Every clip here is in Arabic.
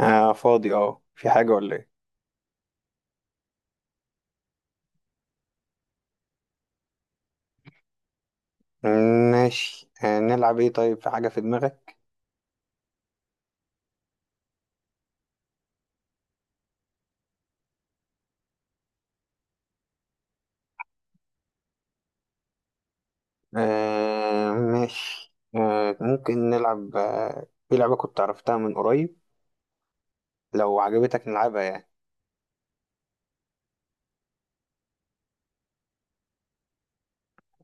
آه، فاضي. اه في حاجة ولا ايه؟ ماشي، نلعب ايه؟ طيب، في حاجة في دماغك؟ آه ماشي، ممكن نلعب في لعبة كنت عرفتها من قريب، لو عجبتك نلعبها يعني.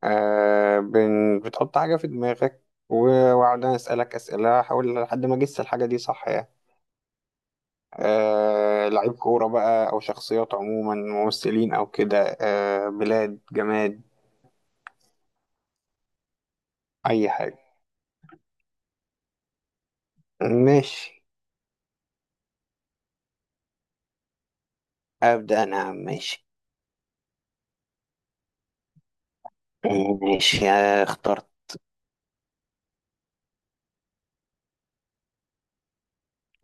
بتحط حاجة في دماغك، وأقعد أنا أسألك أسئلة، أحاول لحد ما أجس الحاجة دي، صح يعني. آه، لعيب كورة بقى، أو شخصيات عموما، ممثلين أو كده، بلاد، جماد، أي حاجة. ماشي، أبدأ أنا يا عم، ماشي. ماشي آه، اخترت.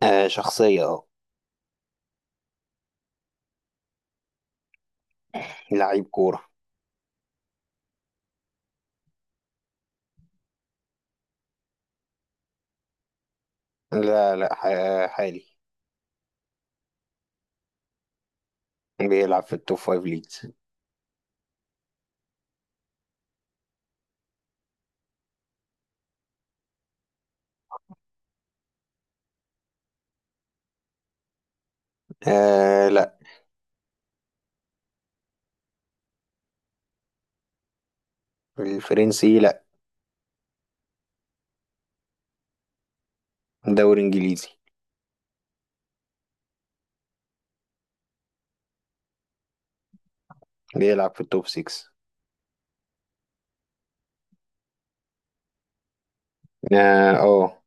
آه، شخصية، اه. لعيب كورة. لا لا، حالي. بيلعب في التوب فايف ليجز. آه، لا. الفرنسي، لا. دوري انجليزي. بيلعب في التوب 6. اه، آه،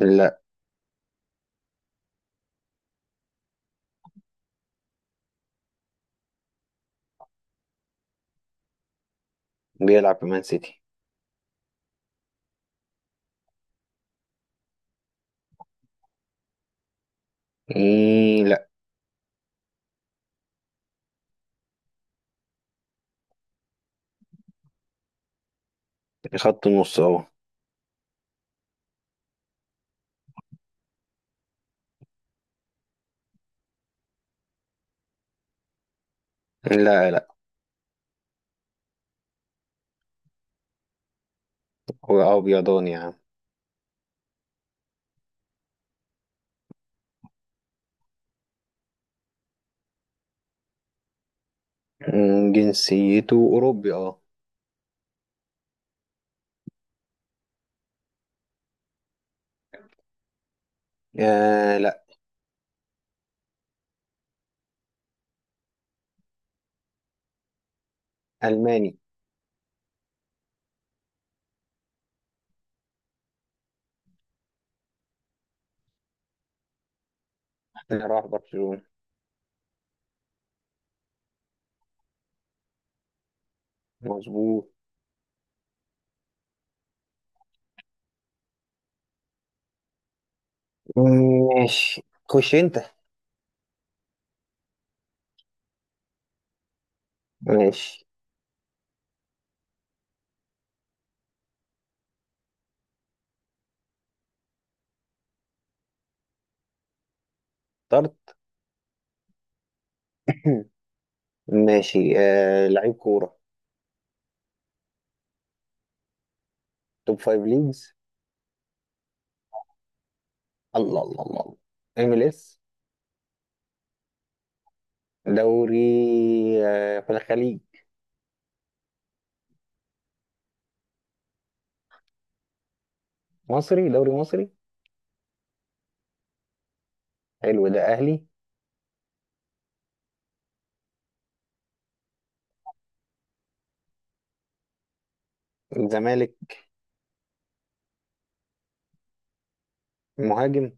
لا. بيلعب في مان سيتي. مم، لا. خط النص، اه. لا، لا. هو ابيضاني يا عم. مم، جنسيته اوروبي، اه. آه، لا. الماني. راح برشلونة. مظبوط. مم، ماشي. خش انت. ماشي. اخترت. ماشي، لعيب كورة. توب فايف ليجز. الله الله الله الله. ام ال اس. دوري. في الخليج؟ مصري، دوري مصري. حلو ده، اهلي؟ زمالك. مهاجم.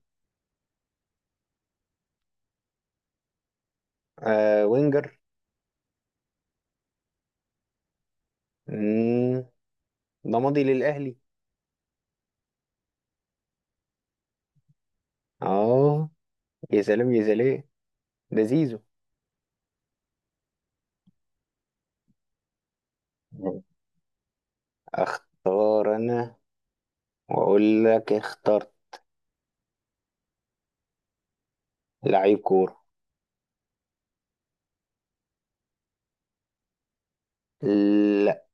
وينجر. مم، ده ماضي للاهلي. اه. يا سلام، يا سلام. ده زيزو. اختار انا، واقول لك اخترت. لعيب كورة. لا.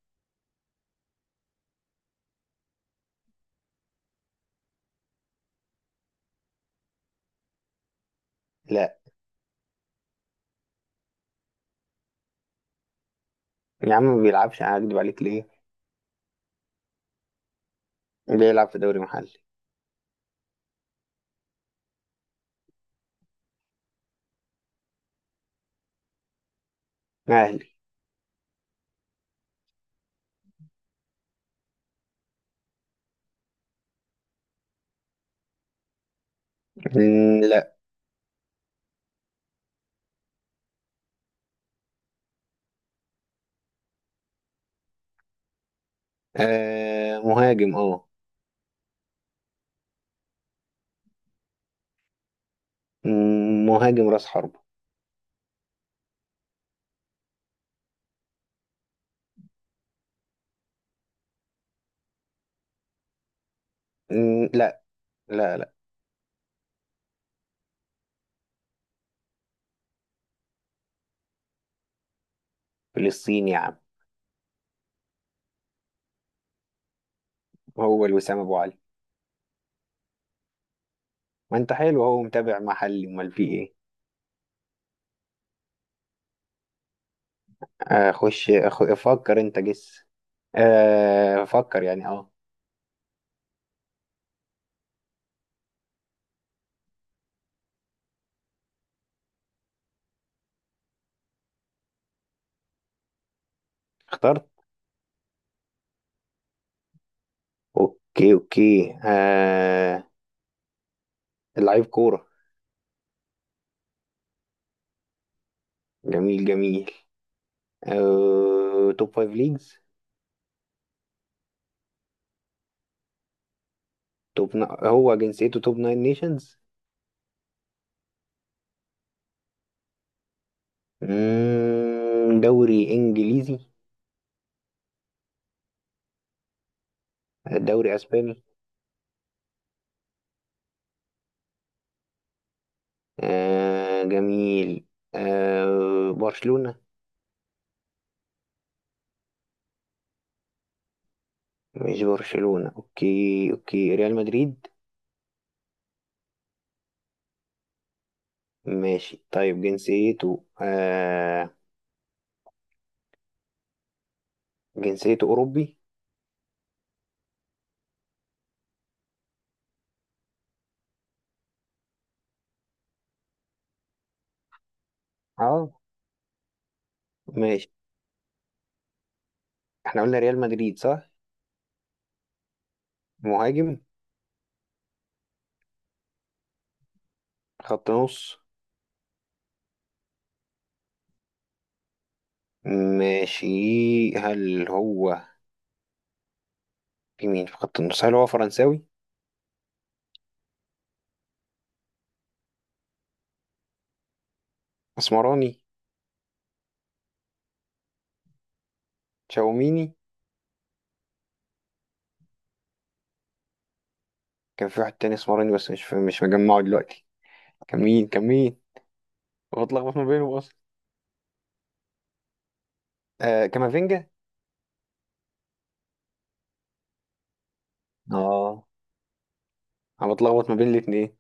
لا يا عم، ما بيلعبش، انا هكدب عليك ليه؟ بيلعب في دوري محلي. اهلي. مم، لا. مهاجم، اه. مم، مهاجم راس حربة. مم، لا. لا لا. فلسطيني يا عم. هو الوسام ابو علي. ما انت حلو، هو متابع محلي، امال في ايه؟ خش، فكر انت، جس. فكر يعني، اه. اخترت. اوكي اوكي، آه. لعيب كورة. جميل، جميل. توب فايف ليجز. هو جنسيته توب ناين نيشنز. مم، دوري انجليزي. دوري اسباني. آه، جميل. برشلونة. مش برشلونة، اوكي اوكي، ريال مدريد. ماشي، طيب جنسيته آه. جنسيته اوروبي، اه. ماشي. احنا قلنا ريال مدريد، صح؟ مهاجم. خط نص. ماشي. هل هو في مين في خط النص؟ هل هو فرنساوي؟ اسمراني؟ تشاوميني؟ كان في واحد تاني اسمراني بس مش مجمعه دلوقتي. كان مين، كان مين؟ بتلخبط ما بينهم اصلا. كامافينجا. اه. انا بتلخبط ما بين الاتنين.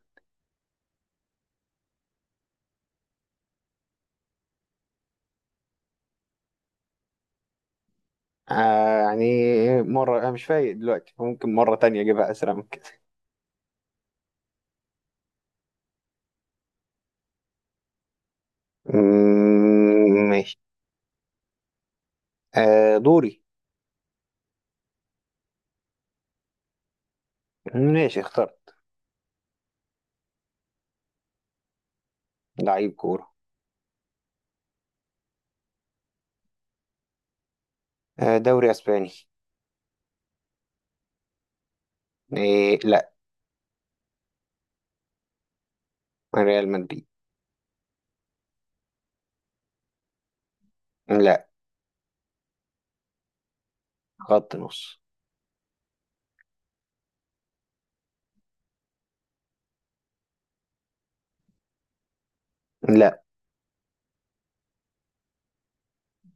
يعني مرة، انا مش فايق دلوقتي، ممكن مرة تانية اجيبها اسرع من كده. مم، ماشي. دوري. ماشي، اخترت. لعيب كورة. دوري اسباني. إيه، لا. ريال مدريد. لا. خط نص. لا.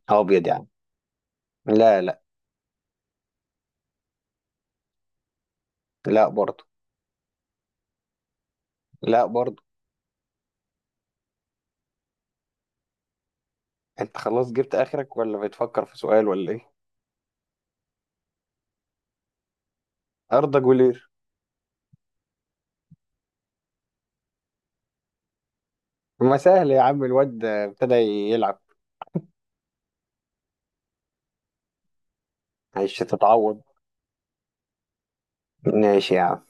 ابيض يعني؟ لا، لا. لا برضه. لا برضه. انت خلاص جبت اخرك ولا بتفكر في سؤال ولا ايه؟ اردا جولير. ما سهل يا عم، الواد ابتدى يلعب. معلش، تتعوض. ماشي يا عم.